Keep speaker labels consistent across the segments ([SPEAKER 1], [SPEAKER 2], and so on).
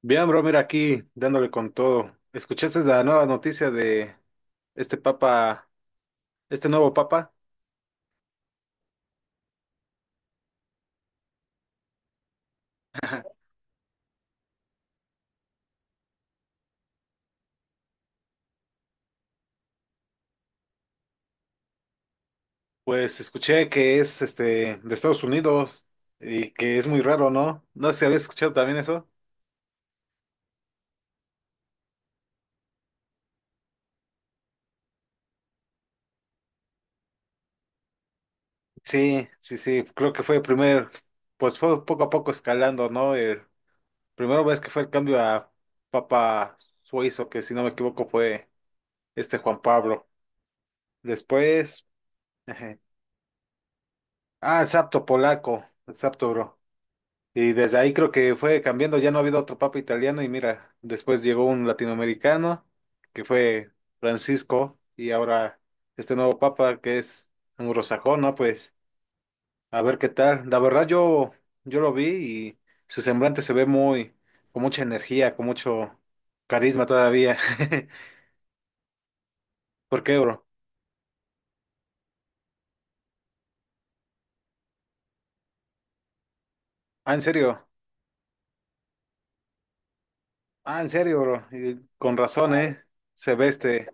[SPEAKER 1] Bien, bro, mira aquí dándole con todo. ¿Escuchaste la nueva noticia de este papa, este nuevo papa? Pues escuché que es de Estados Unidos y que es muy raro, ¿no? No sé si habías escuchado también eso. Sí, sí, sí, creo que fue el primer, pues fue poco a poco escalando, ¿no? El primero vez que fue el cambio a Papa Suizo, que si no me equivoco fue Juan Pablo. Después, ajá. Ah, el sapto polaco, el sapto, bro. Y desde ahí creo que fue cambiando, ya no ha habido otro papa italiano y mira, después llegó un latinoamericano que fue Francisco y ahora este nuevo papa que es anglosajón, ¿no? Pues a ver qué tal. La verdad yo lo vi y su semblante se ve muy, con mucha energía, con mucho carisma todavía. ¿Por qué, bro? Ah, en serio. Ah, en serio, bro. Y con razón, ¿eh? Se ve este.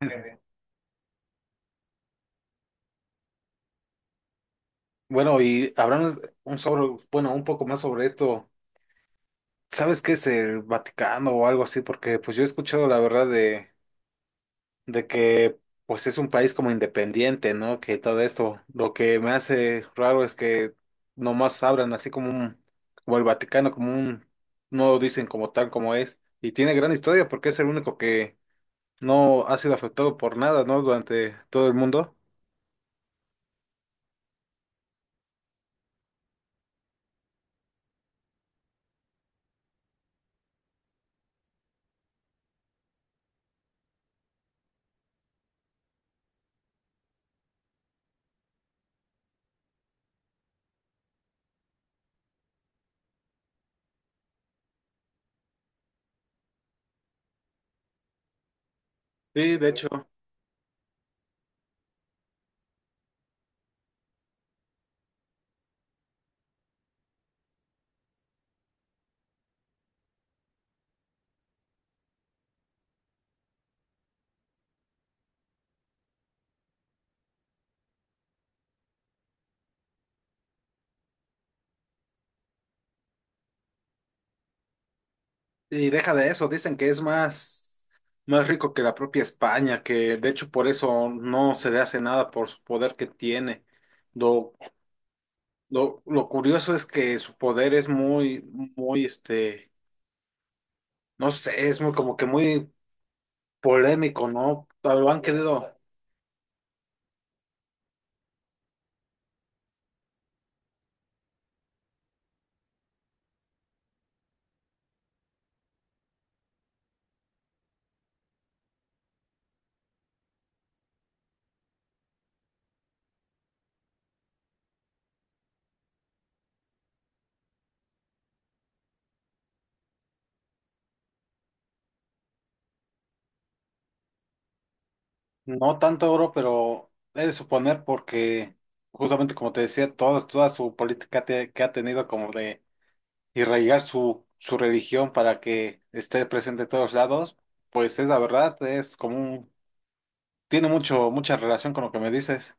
[SPEAKER 1] Bueno, y hablamos un sobre, bueno, un poco más sobre esto. ¿Sabes qué es el Vaticano o algo así? Porque pues yo he escuchado la verdad de que pues es un país como independiente, ¿no? Que todo esto, lo que me hace raro es que nomás abran así como un, como el Vaticano, como un, no lo dicen como tal como es. Y tiene gran historia porque es el único que no ha sido afectado por nada, ¿no? Durante todo el mundo. Sí, de hecho. Y deja de eso, dicen que es más, más rico que la propia España, que de hecho por eso no se le hace nada por su poder que tiene. Lo, lo curioso es que su poder es muy, muy, no sé, es muy como que muy polémico, ¿no? Lo han querido, no tanto oro, pero he de suponer porque justamente como te decía, toda su política te- que ha tenido como de y arraigar su religión para que esté presente en todos lados, pues es la verdad, es como un, tiene mucho, mucha relación con lo que me dices.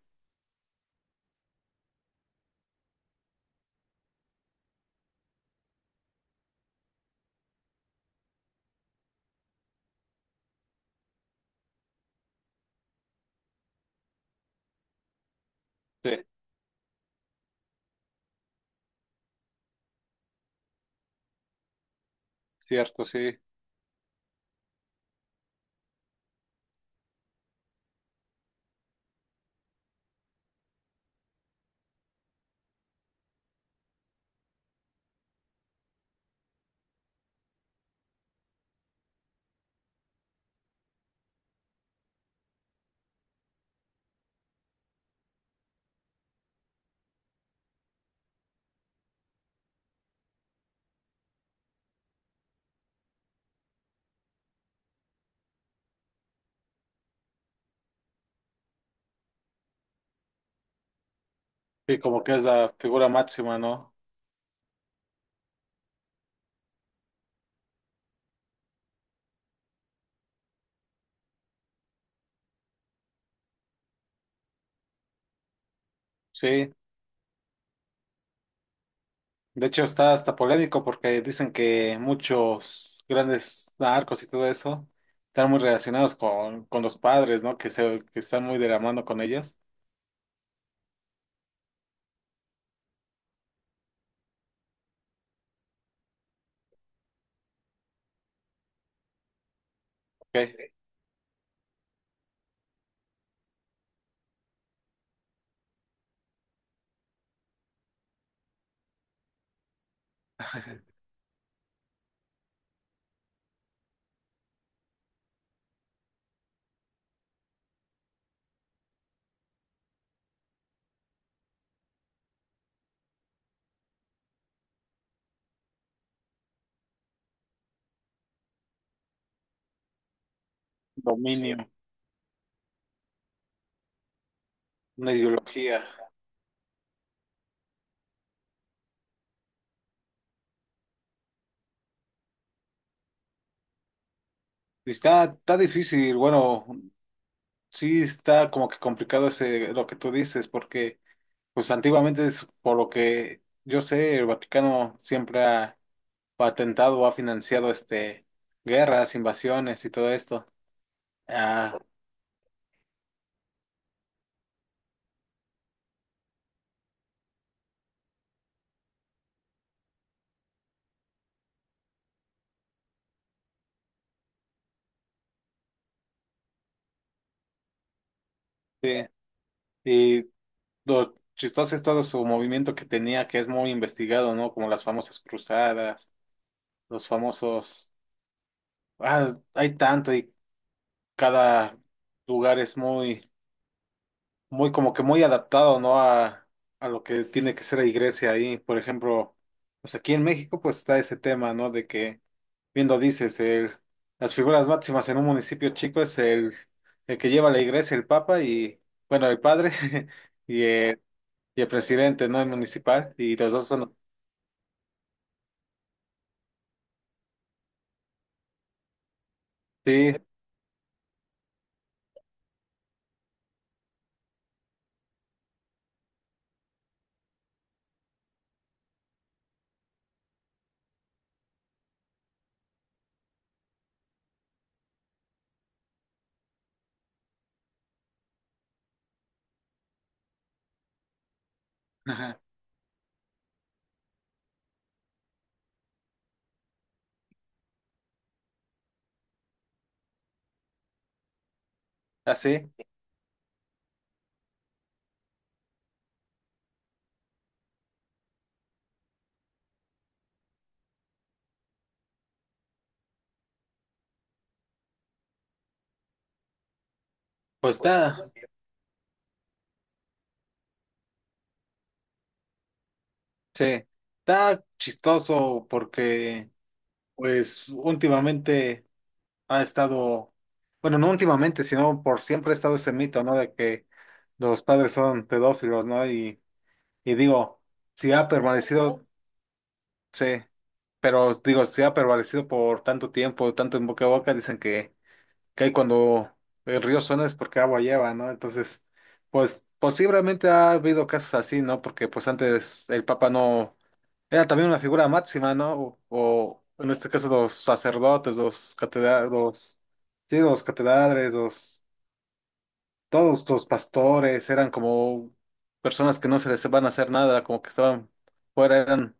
[SPEAKER 1] Sí, cierto, sí. Sí, como que es la figura máxima, ¿no? Sí. De hecho, está hasta polémico porque dicen que muchos grandes narcos y todo eso están muy relacionados con los padres, ¿no? Que se, que están muy de la mano con ellos. Ok. Dominio, una ideología. Está, está difícil, bueno, sí, está como que complicado ese, lo que tú dices, porque pues antiguamente es por lo que yo sé, el Vaticano siempre ha patentado o ha financiado guerras, invasiones y todo esto. Ah, sí. Y lo chistoso es todo su movimiento que tenía, que es muy investigado, ¿no? Como las famosas cruzadas, los famosos, ah, hay tanto y cada lugar es muy muy como que muy adaptado, ¿no? A lo que tiene que ser la iglesia ahí. Por ejemplo, pues aquí en México pues está ese tema, ¿no? De que, viendo dices, el, las figuras máximas en un municipio chico es el que lleva la iglesia, el papa y, bueno, el padre y el, y el presidente, ¿no? El municipal. Y los dos son, sí, ajá, así. Pues está, sí, está chistoso porque, pues últimamente ha estado, bueno, no últimamente, sino por siempre ha estado ese mito, ¿no? De que los padres son pedófilos, ¿no? Y digo, si ha permanecido, sí, pero digo, si ha permanecido por tanto tiempo, tanto en boca a boca, dicen que ahí cuando el río suena es porque agua lleva, ¿no? Entonces, pues posiblemente ha habido casos así, ¿no? Porque pues antes el Papa no era también una figura máxima, ¿no? O en este caso los sacerdotes, los catedrales, los, sí, los catedrales, los, todos los pastores eran como personas que no se les van a hacer nada, como que estaban fuera, eran,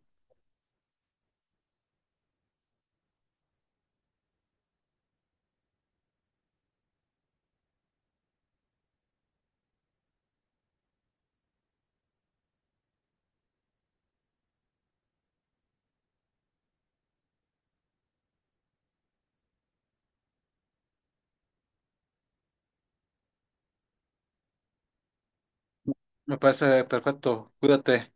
[SPEAKER 1] me parece perfecto, cuídate.